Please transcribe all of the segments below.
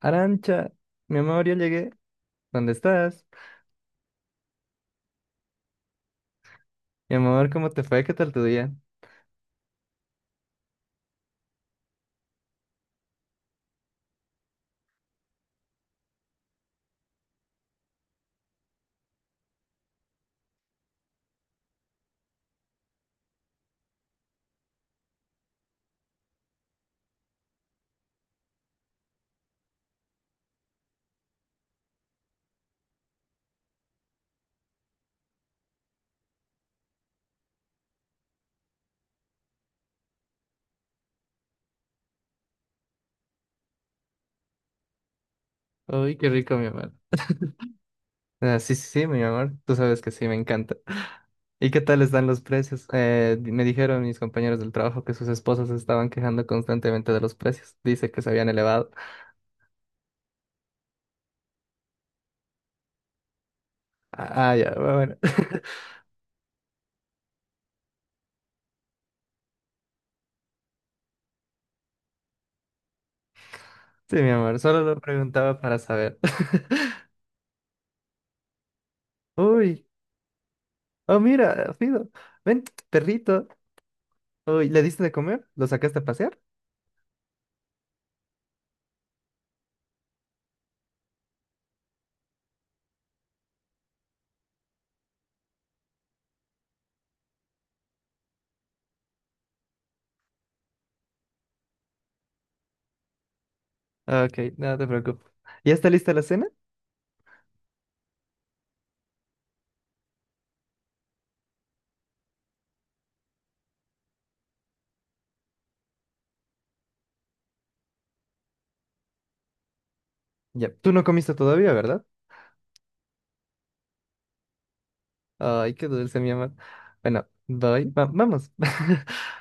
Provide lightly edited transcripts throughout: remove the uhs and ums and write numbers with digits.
Arancha, mi amor, ya llegué. ¿Dónde estás? Mi amor, ¿cómo te fue? ¿Qué tal tu día? Uy, qué rico, mi amor. Ah, sí, sí, sí, mi amor. Tú sabes que sí, me encanta. ¿Y qué tal están los precios? Me dijeron mis compañeros del trabajo que sus esposas se estaban quejando constantemente de los precios. Dice que se habían elevado. Ah, ah, ya, bueno. Sí, mi amor, solo lo preguntaba para saber. Uy, oh, mira, Fido, ven, perrito. Uy, ¿le diste de comer? ¿Lo sacaste a pasear? Ok, no te preocupes. ¿Ya está lista la cena? Ya, tú no comiste todavía, ¿verdad? Ay, qué dulce, mi amor. Bueno, vamos.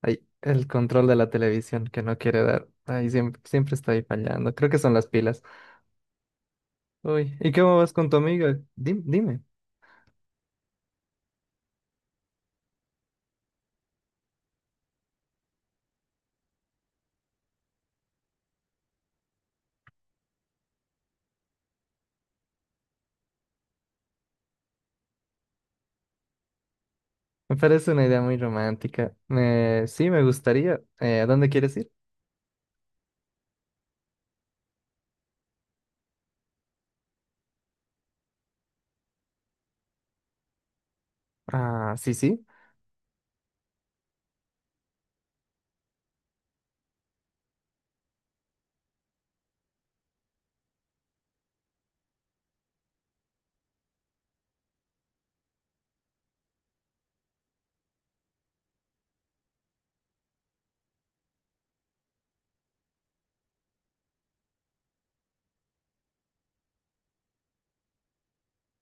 Ay, el control de la televisión que no quiere dar. Ay, siempre, siempre está ahí fallando. Creo que son las pilas. Uy, ¿y cómo vas con tu amiga? Dime. Me parece una idea muy romántica. Sí, me gustaría. ¿A dónde quieres ir? Ah, sí, sí.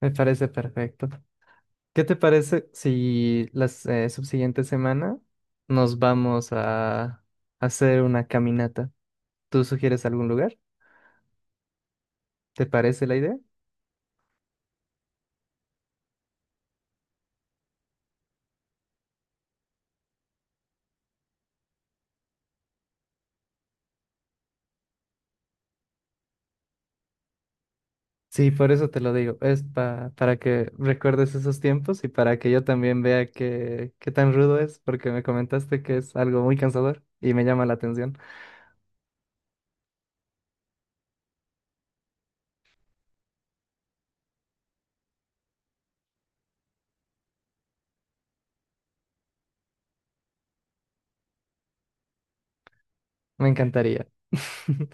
Me parece perfecto. ¿Qué te parece si la subsiguiente semana nos vamos a hacer una caminata? ¿Tú sugieres algún lugar? ¿Te parece la idea? Sí, por eso te lo digo. Es para que recuerdes esos tiempos y para que yo también vea qué, qué tan rudo es, porque me comentaste que es algo muy cansador y me llama la atención. Me encantaría.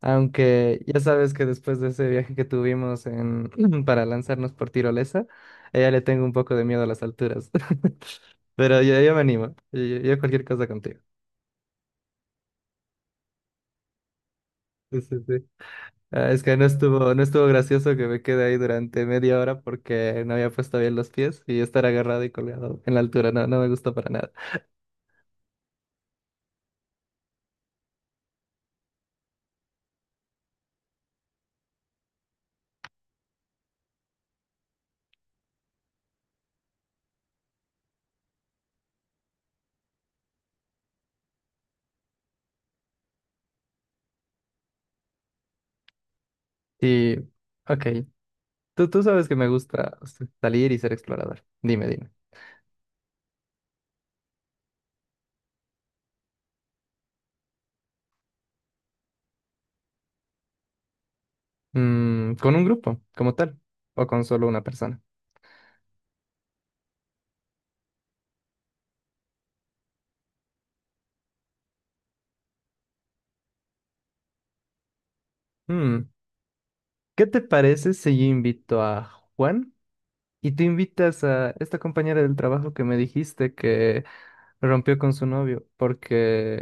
Aunque ya sabes que después de ese viaje que tuvimos en, para lanzarnos por tirolesa, a ella le tengo un poco de miedo a las alturas. Pero yo me animo. Yo cualquier cosa contigo. Sí, sí, sí. Ah, es que no estuvo, no estuvo gracioso que me quedé ahí durante media hora porque no había puesto bien los pies y estar agarrado y colgado en la altura, no, no me gustó para nada. Y, ok, tú sabes que me gusta salir y ser explorador. Dime, dime. Mm, ¿con un grupo como tal o con solo una persona? Mm, ¿qué te parece si yo invito a Juan y tú invitas a esta compañera del trabajo que me dijiste rompió con su novio porque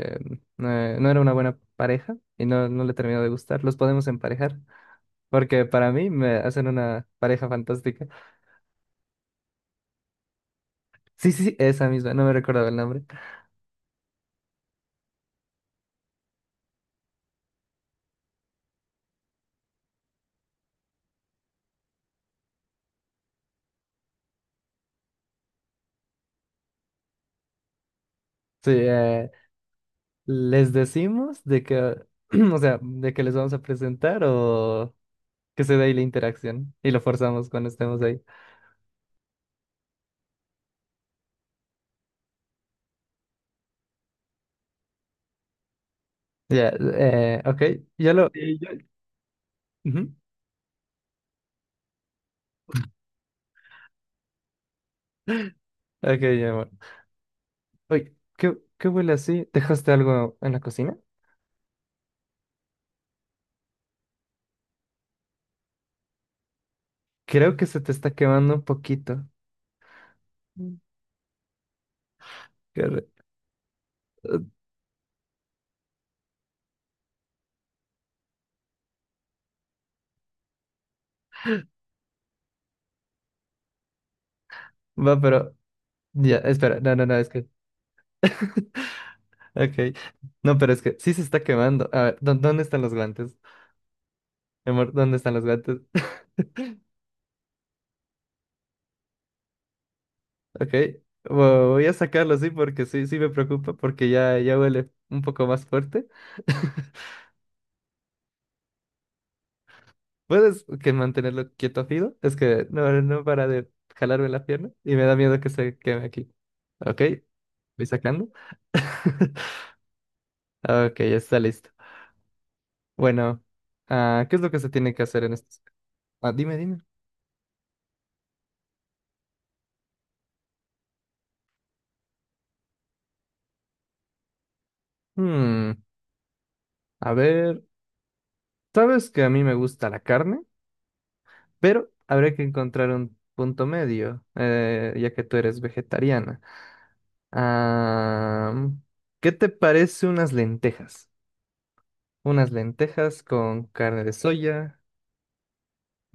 no era una buena pareja y no, no le terminó de gustar. Los podemos emparejar porque para mí me hacen una pareja fantástica. Sí, sí, sí, esa misma, no me recordaba el nombre. Sí, les decimos de que, o sea, de que les vamos a presentar o que se dé ahí la interacción y lo forzamos cuando estemos ahí. Ya, ok, ya lo... Sí, yo- Ujú. Ok, ya, bueno. Oye, ¿qué huele así? ¿Dejaste algo en la cocina? Creo que se te está quemando un poquito. Mm. Corre- Va, pero ya, espera, no, no, no, es que, ok, no, pero es que sí se está quemando. A ver, ¿dó- ¿dónde están los guantes? Mi amor, ¿dónde están los guantes? Ok, voy a sacarlos, sí, porque sí, sí me preocupa, porque ya, ya huele un poco más fuerte. ¿Puedes que mantenerlo quieto, Fido? Es que no, no para de jalarme la pierna y me da miedo que se queme aquí. Ok, voy sacando. Ok, ya está listo. Bueno, ah, ¿qué es lo que se tiene que hacer en este? Ah, dime, dime. Hmm, a ver, sabes que a mí me gusta la carne, pero habrá que encontrar un punto medio, ya que tú eres vegetariana. Ah, ¿qué te parece unas lentejas? Unas lentejas con carne de soya,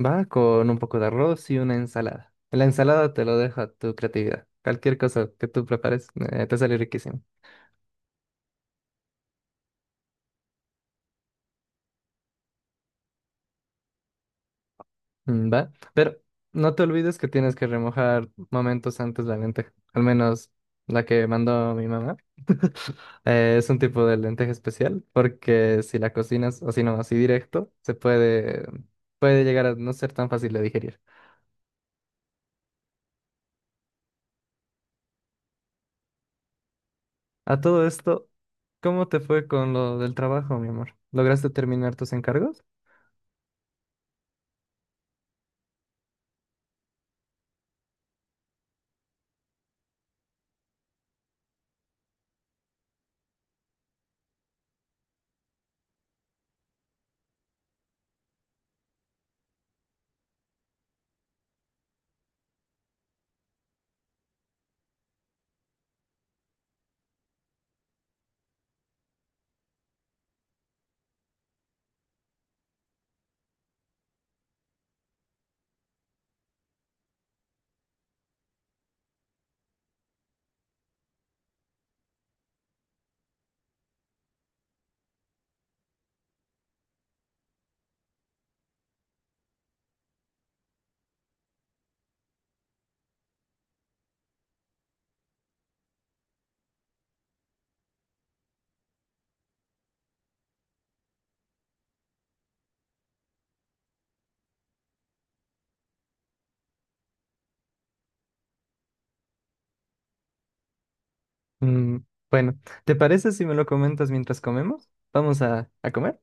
va, con un poco de arroz y una ensalada. La ensalada te lo dejo a tu creatividad. Cualquier cosa que tú prepares, te sale riquísimo. Mm, ¿va? Pero no te olvides que tienes que remojar momentos antes la lenteja. Al menos la que mandó mi mamá. Es un tipo de lenteja especial porque si la cocinas así no, así directo, se puede, puede llegar a no ser tan fácil de digerir. A todo esto, ¿cómo te fue con lo del trabajo, mi amor? ¿Lograste terminar tus encargos? Mm, bueno, ¿te parece si me lo comentas mientras comemos? Vamos a comer.